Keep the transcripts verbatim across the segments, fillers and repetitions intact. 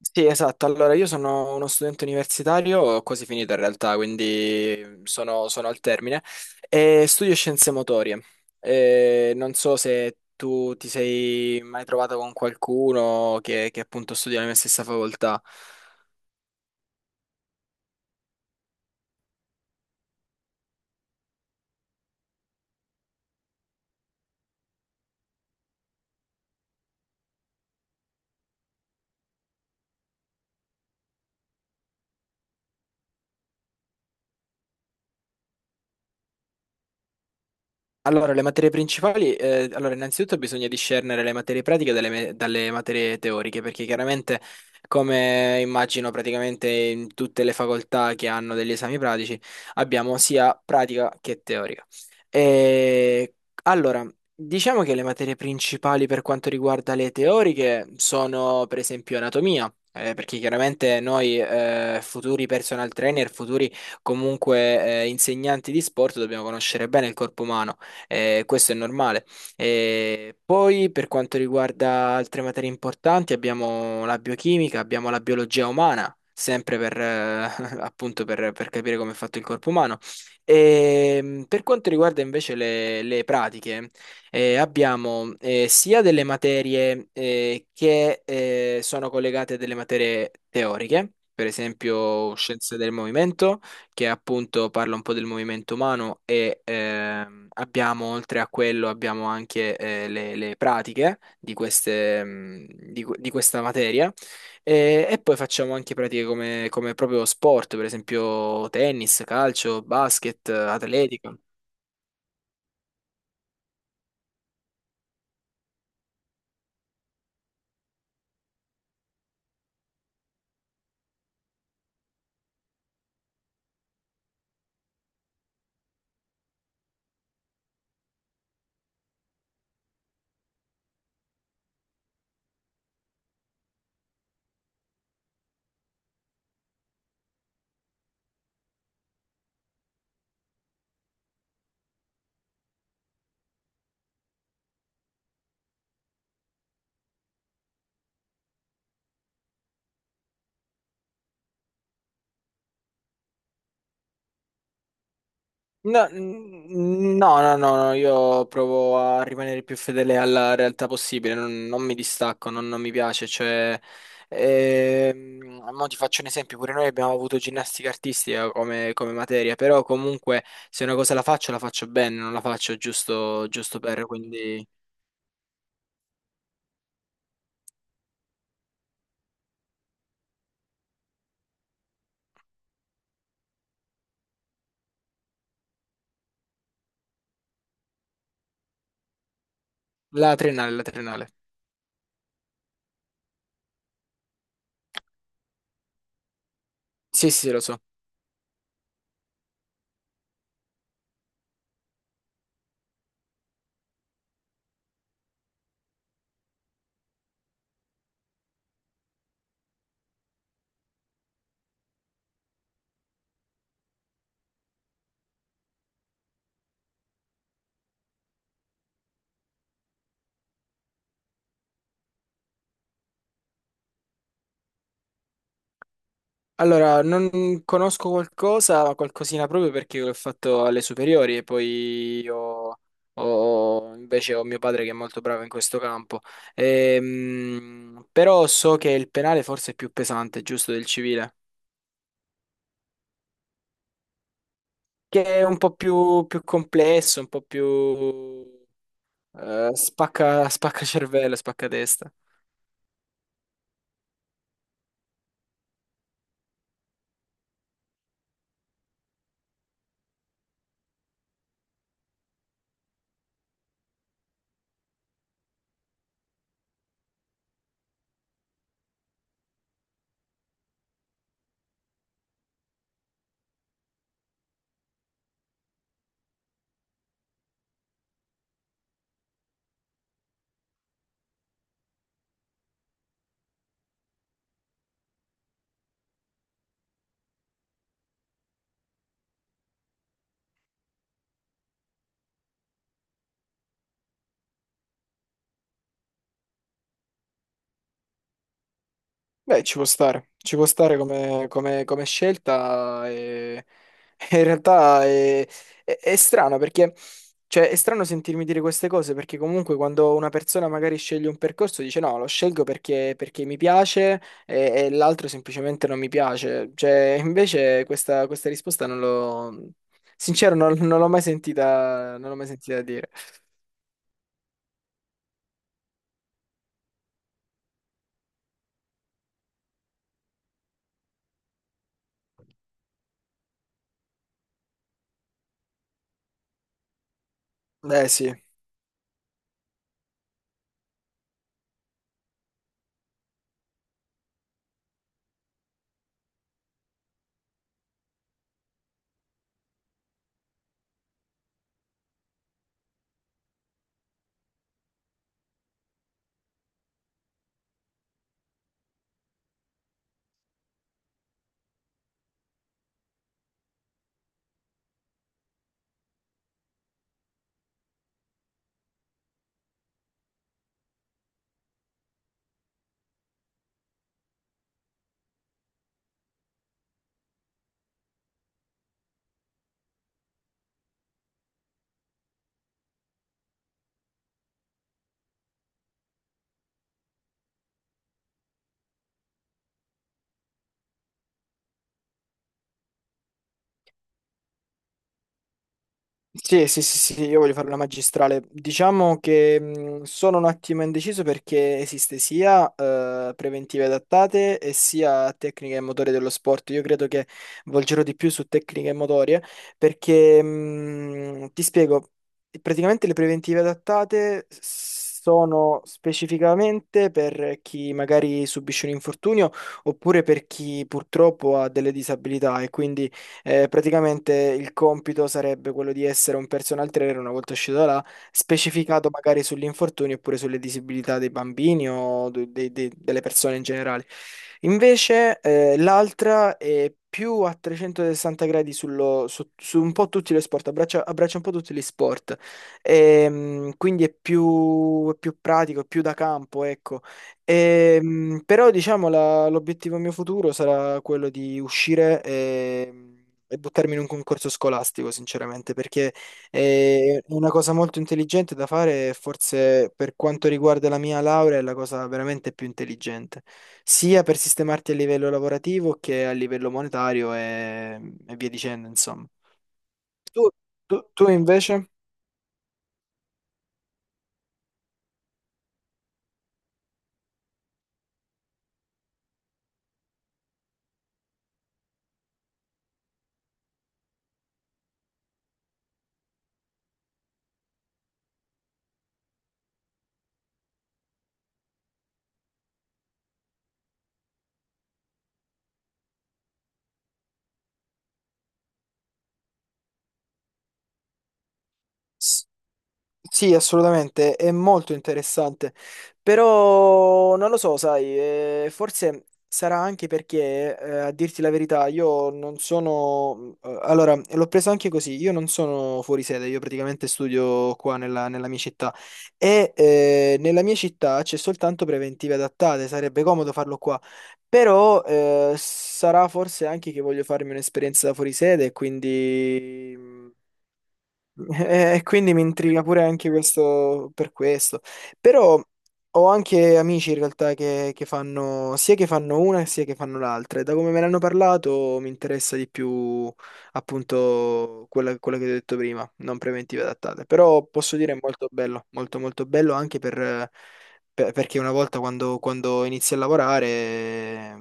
Sì, esatto. Allora, io sono uno studente universitario, ho quasi finito in realtà, quindi sono, sono al termine, e studio scienze motorie. E non so se tu ti sei mai trovato con qualcuno che, che appunto studia la mia stessa facoltà. Allora, le materie principali, eh, allora innanzitutto bisogna discernere le materie pratiche dalle, me- dalle materie teoriche, perché chiaramente, come immagino praticamente in tutte le facoltà che hanno degli esami pratici, abbiamo sia pratica che teorica. E, allora, diciamo che le materie principali per quanto riguarda le teoriche sono per esempio anatomia, eh, perché chiaramente noi, eh, futuri personal trainer, futuri comunque, eh, insegnanti di sport, dobbiamo conoscere bene il corpo umano. Eh, questo è normale. Eh, poi per quanto riguarda altre materie importanti abbiamo la biochimica, abbiamo la biologia umana, sempre per, eh, appunto per, per capire come è fatto il corpo umano. E, mh, per quanto riguarda invece le, le pratiche, eh, abbiamo, eh, sia delle materie, eh, che, eh, sono collegate a delle materie teoriche, per esempio scienze del movimento, che appunto parla un po' del movimento umano. E, ehm, abbiamo, oltre a quello abbiamo anche, eh, le, le pratiche di queste, mh, di, que- di questa materia, e, e poi facciamo anche pratiche come, come proprio sport, per esempio tennis, calcio, basket, atletica. No, n- no, no, no, no, io provo a rimanere più fedele alla realtà possibile, non, non mi distacco, non, non mi piace, cioè, ehm, mo ti faccio un esempio, pure noi abbiamo avuto ginnastica artistica come, come materia, però comunque, se una cosa la faccio, la faccio bene, non la faccio giusto giusto per, quindi... La triennale, la triennale. Sì, sì, lo so. Allora, non conosco qualcosa, qualcosina, proprio perché l'ho fatto alle superiori e poi ho, ho- invece ho mio padre che è molto bravo in questo campo. Ehm, però so che il penale forse è più pesante, giusto, del civile, che è un po' più, più complesso, un po' più, eh, spacca, spacca cervello, spacca testa. Beh, ci può stare, ci può stare come, come- come scelta. E e in realtà è, è- è strano perché, cioè, è strano sentirmi dire queste cose, perché comunque quando una persona magari sceglie un percorso dice no, lo scelgo perché, perché mi piace, e, e l'altro semplicemente non mi piace, cioè, invece questa, questa risposta non l'ho, sincero, non, non l'ho mai sentita, non l'ho mai sentita dire. Eh sì. Sì, sì, sì, sì, io voglio fare una magistrale. Diciamo che, mh, sono un attimo indeciso, perché esiste sia, eh, preventive adattate e sia tecniche e motorie dello sport. Io credo che volgerò di più su tecniche e motorie, perché, mh, ti spiego, praticamente le preventive adattate sono specificamente per chi magari subisce un infortunio, oppure per chi purtroppo ha delle disabilità, e quindi, eh, praticamente il compito sarebbe quello di essere un personal trainer una volta uscito da là, specificato magari sugli infortuni oppure sulle disabilità dei bambini o de- de- de- delle persone in generale. Invece, eh, l'altra è più a trecentosessanta gradi sullo- su, su un po' tutti gli sport, abbraccia, abbraccia un po' tutti gli sport. Ehm, quindi è più, è più pratico, è più da campo, ecco. Ehm, però diciamo, la- l'obiettivo mio futuro sarà quello di uscire, e, e buttarmi in un concorso scolastico, sinceramente, perché, eh, è una cosa molto intelligente da fare, e forse per quanto riguarda la mia laurea è la cosa veramente più intelligente, sia per sistemarti a livello lavorativo che a livello monetario, e, e via dicendo, insomma. Tu, tu tu invece? Sì, assolutamente, è molto interessante, però non lo so, sai, eh, forse sarà anche perché, eh, a dirti la verità, io non sono, mm, eh, allora, l'ho preso anche così, io non sono fuori sede, io praticamente studio qua nella, nella mia città, e, eh, nella mia città c'è soltanto preventive adattate, sarebbe comodo farlo qua, però, eh, sarà forse anche che voglio farmi un'esperienza da fuori sede, quindi, mm, e e quindi mi intriga pure anche questo per questo. Però ho anche amici in realtà che, che fanno, sia che fanno una sia che fanno l'altra. E da come me ne hanno parlato mi interessa di più appunto quella, quella che ti ho detto prima, non preventive adattate. Però posso dire è molto bello, molto molto bello anche per, per- perché una volta quando, quando inizi a lavorare, eh,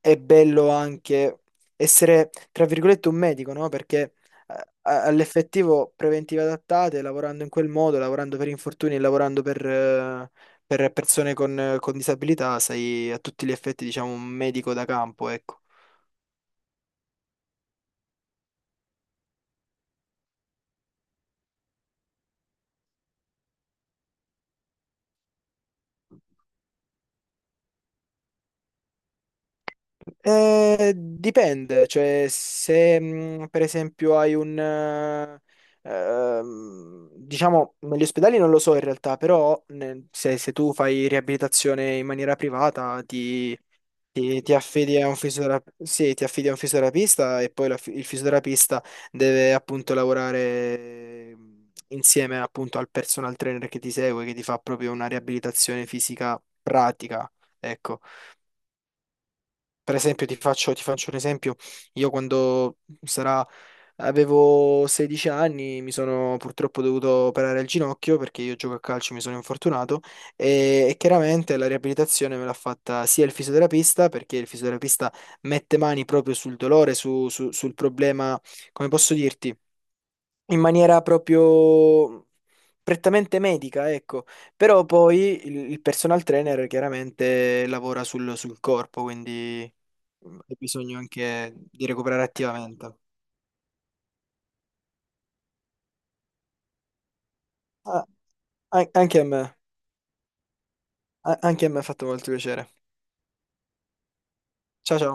è bello anche essere, tra virgolette, un medico, no? Perché, a- all'effettivo preventive adattate, lavorando in quel modo, lavorando per infortuni, e lavorando per, eh, per persone con, eh, con disabilità, sei a tutti gli effetti, diciamo, un medico da campo, ecco. Eh, dipende, cioè se, mh, per esempio hai un, eh, ehm, diciamo, negli ospedali non lo so in realtà, però ne- se, se tu fai riabilitazione in maniera privata, ti... Ti, ti affidi a un fisiotera- Sì, ti affidi a un fisioterapista, e poi la fi- il fisioterapista deve appunto lavorare, mh, insieme appunto al personal trainer che ti segue, che ti fa proprio una riabilitazione fisica pratica, ecco. Per esempio, ti faccio, ti faccio un esempio. Io quando sarà, avevo sedici anni, mi sono purtroppo dovuto operare il ginocchio, perché io gioco a calcio, mi sono infortunato, e, e chiaramente la riabilitazione me l'ha fatta sia il fisioterapista, perché il fisioterapista mette mani proprio sul dolore, su- su- sul problema, come posso dirti? In maniera proprio prettamente medica, ecco. Però poi, il, il personal trainer chiaramente lavora sul, sul corpo, quindi, mm, hai bisogno anche di recuperare attivamente. Ah, an- anche a me, a- anche a me ha fatto molto piacere. Ciao ciao.